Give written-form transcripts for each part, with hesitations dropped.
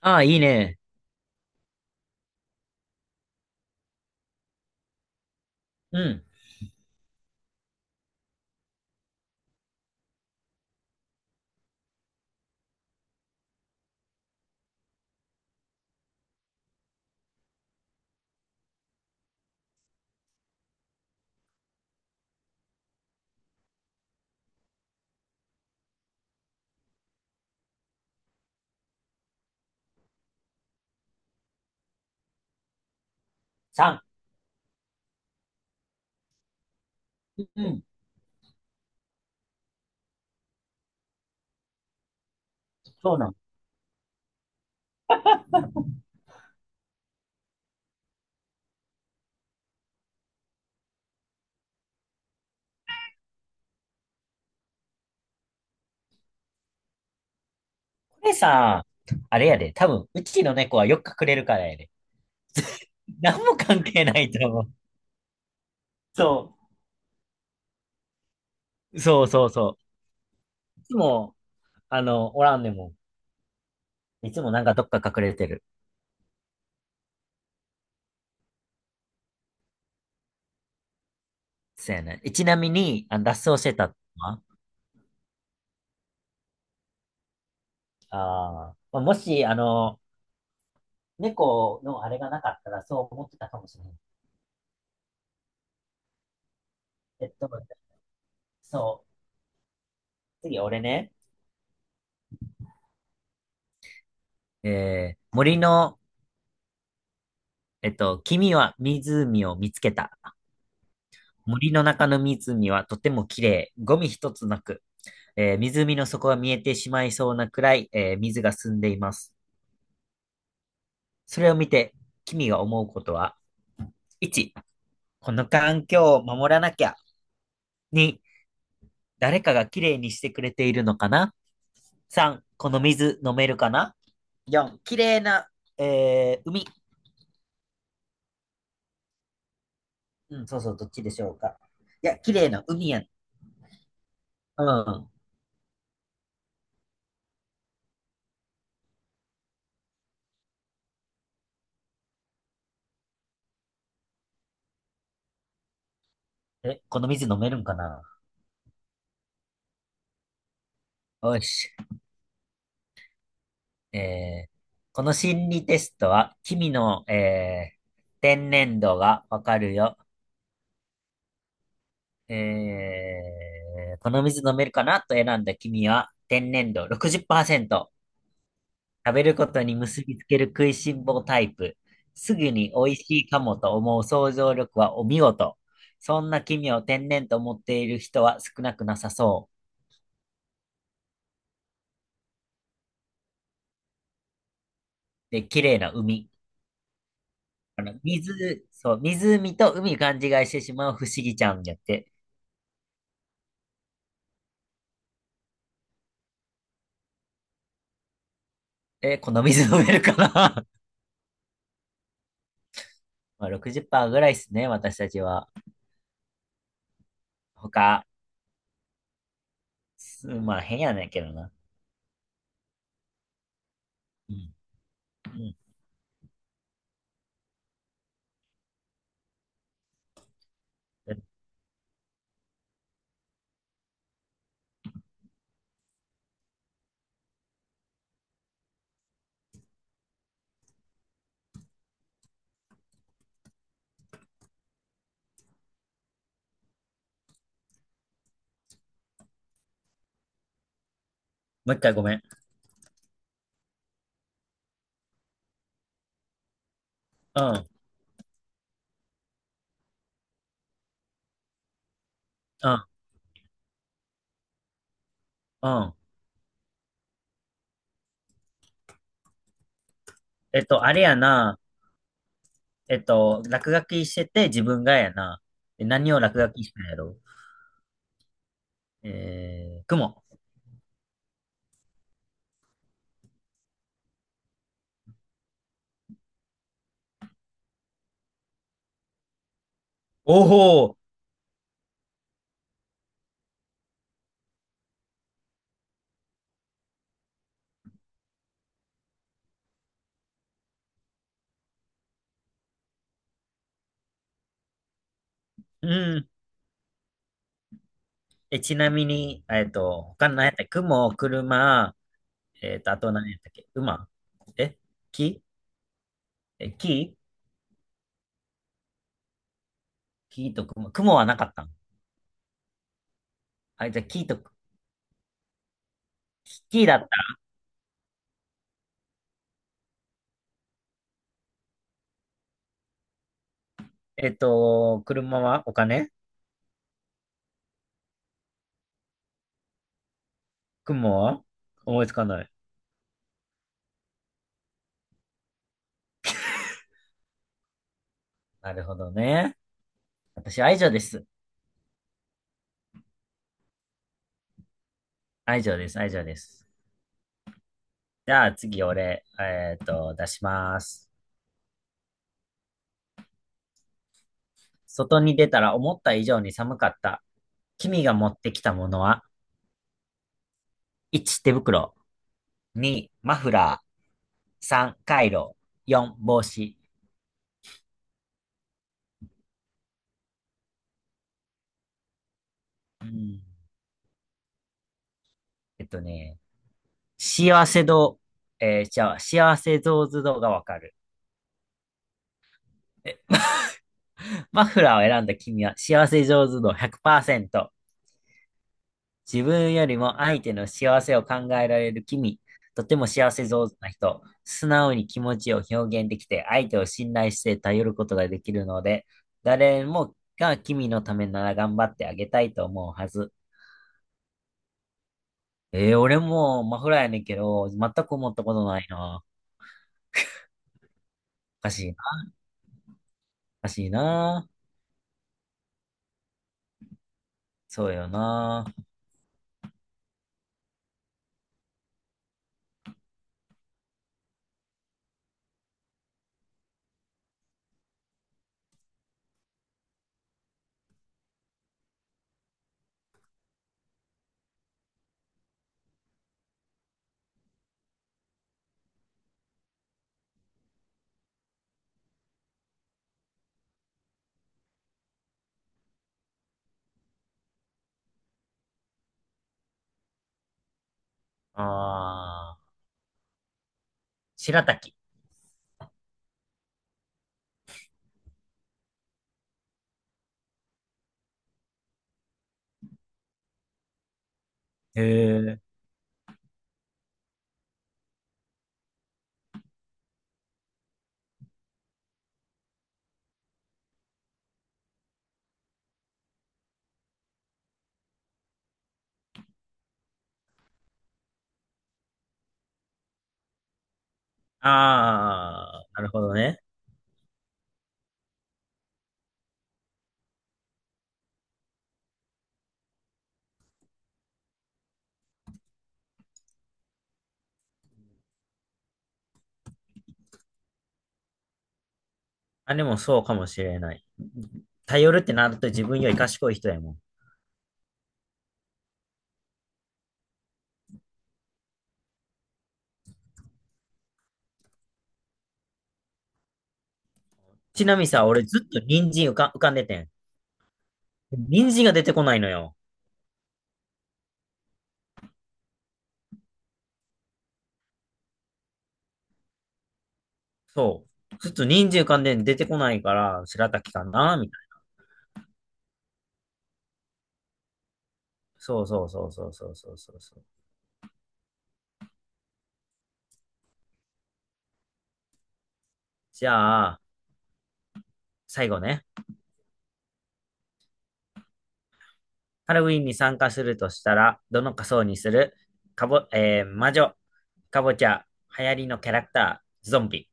ああ、いいね。うん。3。うん。そうなん。これさ、あれやで。多分、うちの猫はよく隠れるからやで。何も関係ないと思う。そそうそうそう。う。いつも、あの、おらんでも。いつもなんかどっか隠れてる。そうやね。ちなみに、あの脱走してたのは、あーまあ、もし、あの、猫のあれがなかったらそう思ってたかもしれない。えっと、そう。次、俺ね。森の、君は湖を見つけた。森の中の湖はとても綺麗、ゴミ一つなく、湖の底が見えてしまいそうなくらい、水が澄んでいます。それを見て、君が思うことは、1、この環境を守らなきゃ。2、誰かが綺麗にしてくれているのかな？ 3、この水飲めるかな？ 4、綺麗な、海。うん、そうそう、どっちでしょうか。いや、綺麗な海やん。うん。え、この水飲めるんかな。よし。えーこの心理テストは、君の、天然度がわかるよ。この水飲めるかなと選んだ君は、天然度60%。食べることに結びつける食いしん坊タイプ。すぐに美味しいかもと思う想像力はお見事。そんな君を天然と思っている人は少なくなさそう。で、綺麗な海。あの、水、そう、湖と海勘違いしてしまう不思議ちゃんやって。この水飲めるかな。 まあ60%ぐらいですね、私たちは。他、す、まあ変やねんけどな。うん。うん。え、もう一回ごめん。うん。うん。うん。えっと、あれやな。えっと、落書きしてて自分がやな。え、何を落書きしたんやろ。雲。おお、うん。え、ちなみに、えっと、他の何やったっけ、雲、車、えっと、あと何やったっけ、馬、え、木、え、木、木と雲。雲はなかったん。あ、じゃあ木と、キキだった。えっと、車はお金、雲は思いつかない。なるほどね。私、愛情です。愛情です。愛情です。じゃあ、次、俺、えっと、出します。外に出たら思った以上に寒かった。君が持ってきたものは、1、手袋。2、マフラー。3、カイロ。4、帽子。うん。えっとね、幸せ度、じゃあ、幸せ像図度がわかる。マフラーを選んだ君は幸せ上手度100%。自分よりも相手の幸せを考えられる君。とても幸せ上手な人。素直に気持ちを表現できて、相手を信頼して頼ることができるので、誰もが君のためなら頑張ってあげたいと思うはず。俺もマフラーやねんけど、全く思ったことないな。おかしいな。おかしいな。そうよな。あー、白滝。へえ。あー、なるほどね。あ、でもそうかもしれない。頼るってなると自分より賢い人やもん。ちなみにさ、俺ずっと人参浮かんでてん。人参が出てこないのよ。そう。ずっと人参浮かんでん出てこないから、白滝かなみたいな。そうそうそうそうそうそうそうそう。じゃあ、最後ね。ハロウィンに参加するとしたら、どの仮装にする。かぼ、えー、魔女、かぼちゃ、流行りのキャラクター、ゾンビ。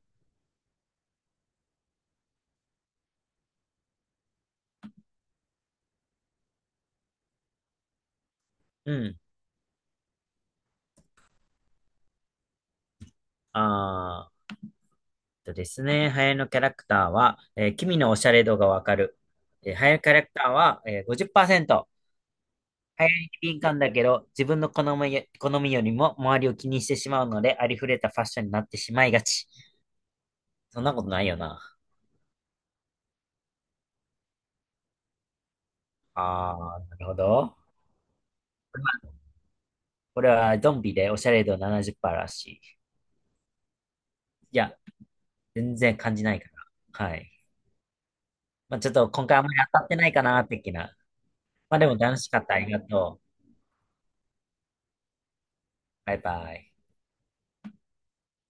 うん。あー、とですね、流行りのキャラクターは、君のおしゃれ度がわかる。えー、流行りキャラクターは、えー、50%。流行りに敏感だけど、自分の好みよ、好みよりも周りを気にしてしまうので、ありふれたファッションになってしまいがち。そんなことないよな。あー、なるほど。これはドンビでおしゃれ度70%らしい。いや、全然感じないから。はい。まあ、ちょっと今回あんまり当たってないかな、的な。まあでも楽しかった。ありがとう。バイバイ。